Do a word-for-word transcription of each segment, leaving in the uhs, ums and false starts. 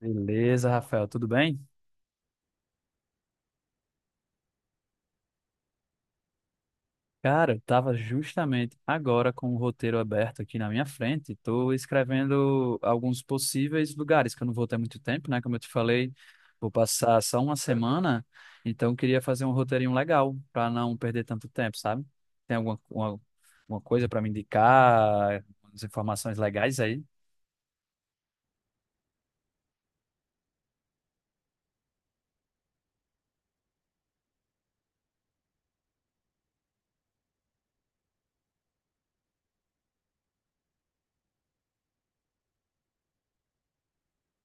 Beleza, Rafael, tudo bem? Cara, eu tava justamente agora com o roteiro aberto aqui na minha frente. Tô escrevendo alguns possíveis lugares, que eu não vou ter muito tempo, né? Como eu te falei, vou passar só uma semana, então eu queria fazer um roteirinho legal para não perder tanto tempo, sabe? Tem alguma uma, uma coisa para me indicar, umas informações legais aí?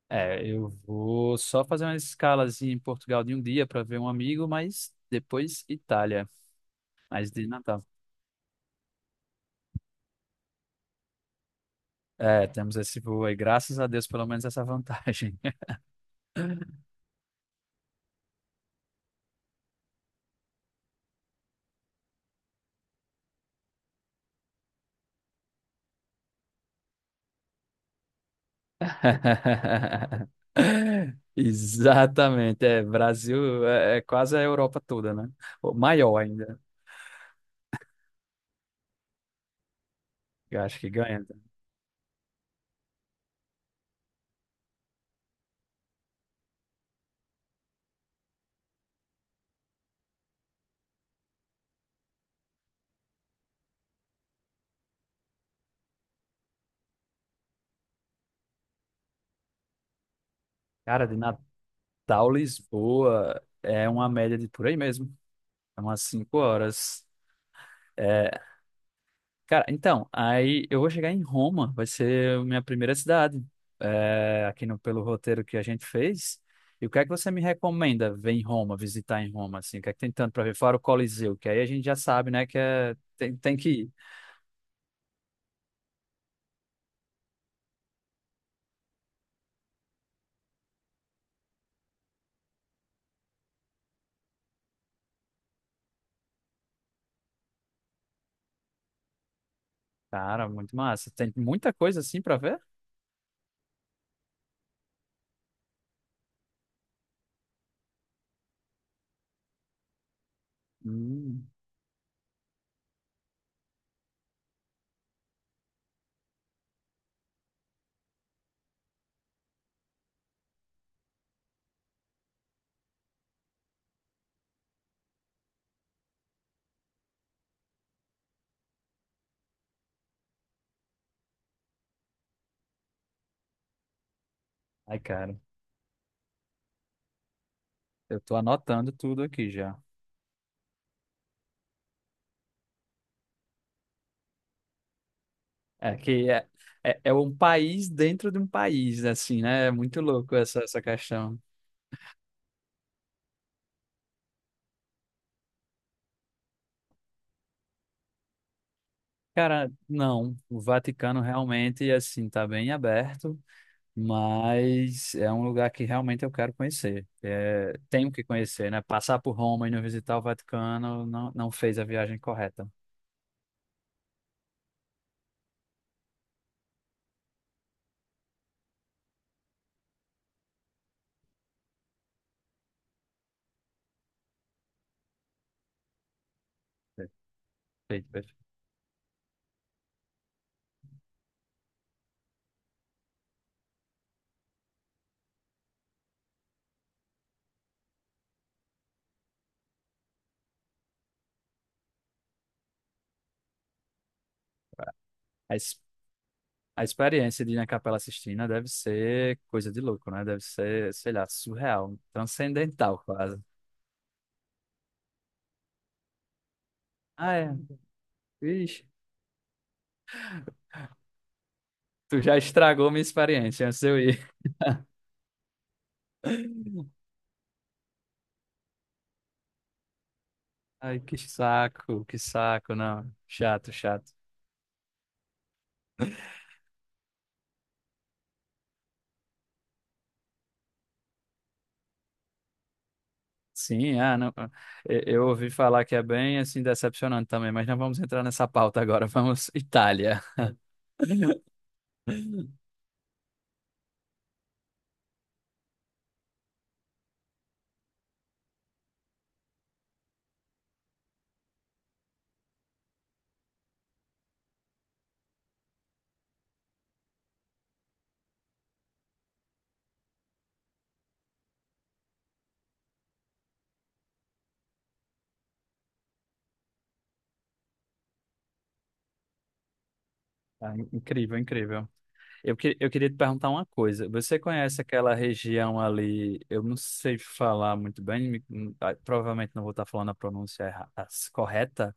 É, eu vou só fazer uma escalazinha em Portugal de um dia para ver um amigo, mas depois Itália, mas de Natal. É, temos esse voo aí. Graças a Deus, pelo menos essa vantagem. Exatamente. É, Brasil é, é quase a Europa toda, né? Ou maior ainda. Eu acho que ganha. Cara, de Natal, Lisboa, é uma média de por aí mesmo. É umas cinco horas. É, cara, então, aí eu vou chegar em Roma, vai ser a minha primeira cidade, é, aqui no, pelo roteiro que a gente fez. E o que é que você me recomenda ver em Roma, visitar em Roma, assim? O que é que tem tanto para ver? Fora o Coliseu, que aí a gente já sabe, né, que é, tem, tem que ir. Cara, muito massa. Tem muita coisa assim para ver? Hum. Ai, cara, eu tô anotando tudo aqui já. É que é, é, é um país dentro de um país, assim, né? É muito louco essa, essa questão. Cara, não. O Vaticano realmente, assim, tá bem aberto, mas é um lugar que realmente eu quero conhecer. É, tenho que conhecer, né? Passar por Roma e não visitar o Vaticano não, não fez a viagem correta. Perfeito, perfeito. A, ex- a experiência de ir na Capela Sistina deve ser coisa de louco, né? Deve ser, sei lá, surreal, transcendental quase. Ah, é. Ixi, tu já estragou minha experiência antes de eu ir. Ai, que saco, que saco, não. Chato, chato. Sim, ah, não, eu eu ouvi falar que é bem assim decepcionante também, mas não vamos entrar nessa pauta agora, vamos Itália. Ah, incrível, incrível. Eu, que- eu queria te perguntar uma coisa. Você conhece aquela região ali? Eu não sei falar muito bem, me- hum, ah, provavelmente não vou estar falando a pronúncia erra- as- correta,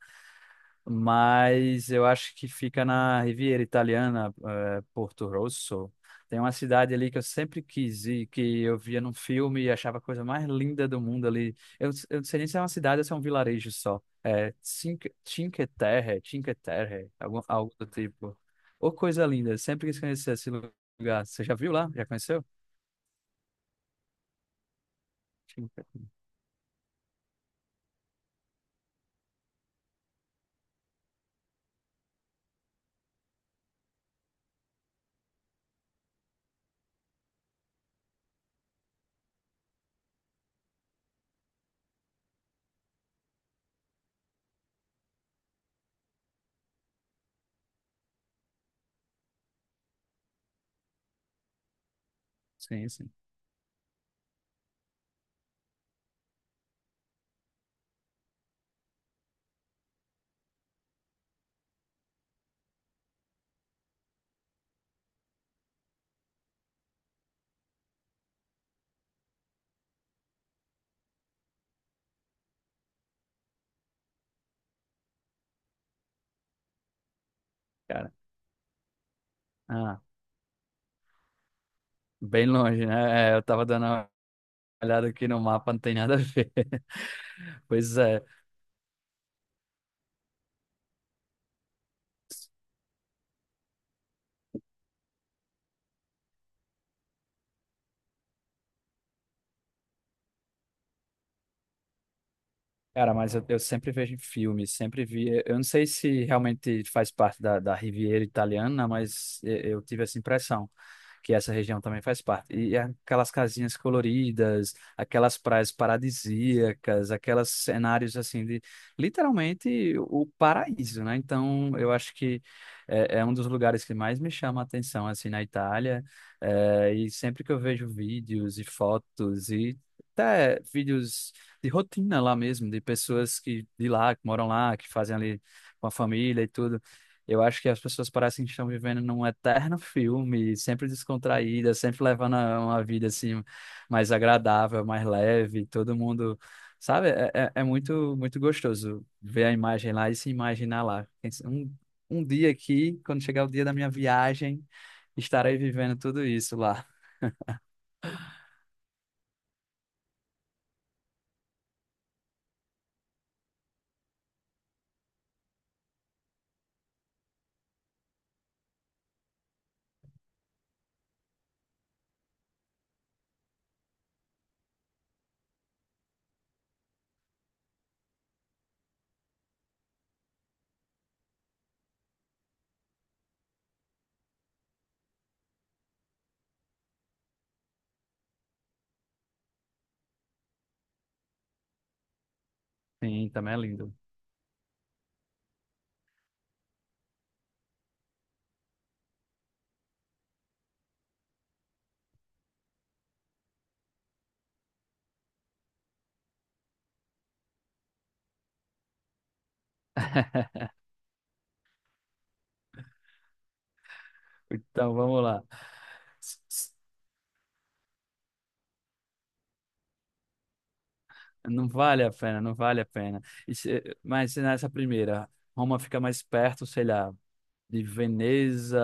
mas eu acho que fica na Riviera Italiana, eh, Porto Rosso. Tem uma cidade ali que eu sempre quis ir, que eu via num filme e achava a coisa mais linda do mundo ali. Eu, eu não sei nem se é uma cidade ou se é um vilarejo só. É Cinque, Cinque Terre, Cinque Terre, algum, algo do tipo. Ô, coisa linda, eu sempre quis conhecer esse lugar. Você já viu lá? Já conheceu? Cinque- Sim, sim, cara. Ah, bem longe, né? É, eu tava dando uma olhada aqui no mapa, não tem nada a ver. Pois é. Cara, mas eu, eu sempre vejo em filmes, sempre vi. eh, Eu não sei se realmente faz parte da, da Riviera Italiana, mas eu, eu tive essa impressão que essa região também faz parte. E é aquelas casinhas coloridas, aquelas praias paradisíacas, aqueles cenários assim de literalmente o paraíso, né? Então eu acho que é, é um dos lugares que mais me chama a atenção assim na Itália. É, e sempre que eu vejo vídeos e fotos e até vídeos de rotina lá mesmo, de pessoas que de lá, que moram lá, que fazem ali com a família e tudo. Eu acho que as pessoas parecem que estão vivendo num eterno filme, sempre descontraídas, sempre levando a- uma vida assim mais agradável, mais leve, todo mundo, sabe? É, é, é muito muito gostoso ver a imagem lá e se imaginar lá. Pensa, Um, um dia aqui, quando chegar o dia da minha viagem, estarei vivendo tudo isso lá. Sim, também é lindo. Então, vamos lá. Não vale a pena, não vale a pena. E se- mas se nessa primeira, Roma fica mais perto, sei lá, de Veneza,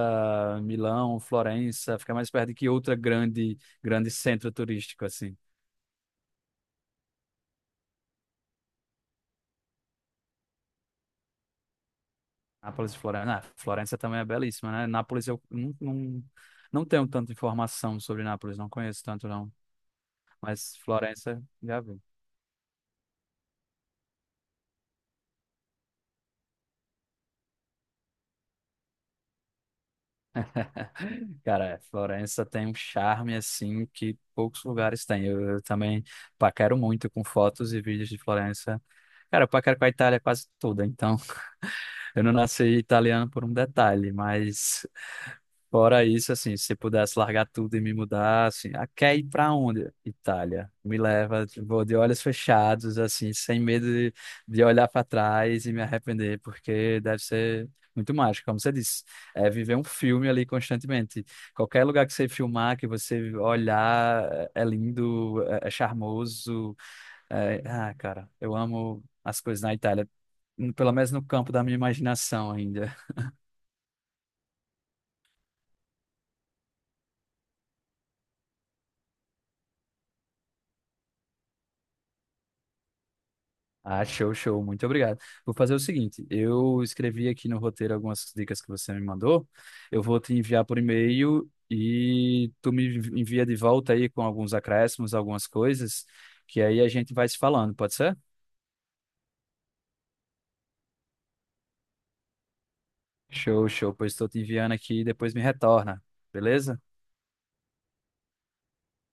Milão, Florença, fica mais perto de que outra grande, grande centro turístico, assim. Nápoles e Florença. Ah, Florença também é belíssima, né? Nápoles eu não, não, não tenho tanta informação sobre Nápoles, não conheço tanto, não. Mas Florença, já vi. Cara, Florença tem um charme assim que poucos lugares têm. Eu, eu também paquero muito com fotos e vídeos de Florença. Cara, eu paquero com a Itália quase toda, então eu não nasci italiano por um detalhe, mas fora isso, assim, se pudesse largar tudo e me mudar, assim, ah, quer ir pra onde? Itália. Me leva, vou de olhos fechados, assim, sem medo de, de olhar para trás e me arrepender, porque deve ser muito mágico, como você disse. É viver um filme ali constantemente. Qualquer lugar que você filmar, que você olhar, é é lindo, é, é charmoso. é- Ah, cara, eu amo as coisas na Itália, pelo menos no campo da minha imaginação ainda. Ah, show, show. Muito obrigado. Vou fazer o seguinte: eu escrevi aqui no roteiro algumas dicas que você me mandou. Eu vou te enviar por e-mail e tu me envia de volta aí com alguns acréscimos, algumas coisas, que aí a gente vai se falando, pode ser? Show, show. Pois estou te enviando aqui e depois me retorna, beleza?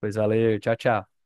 Pois valeu, tchau, tchau.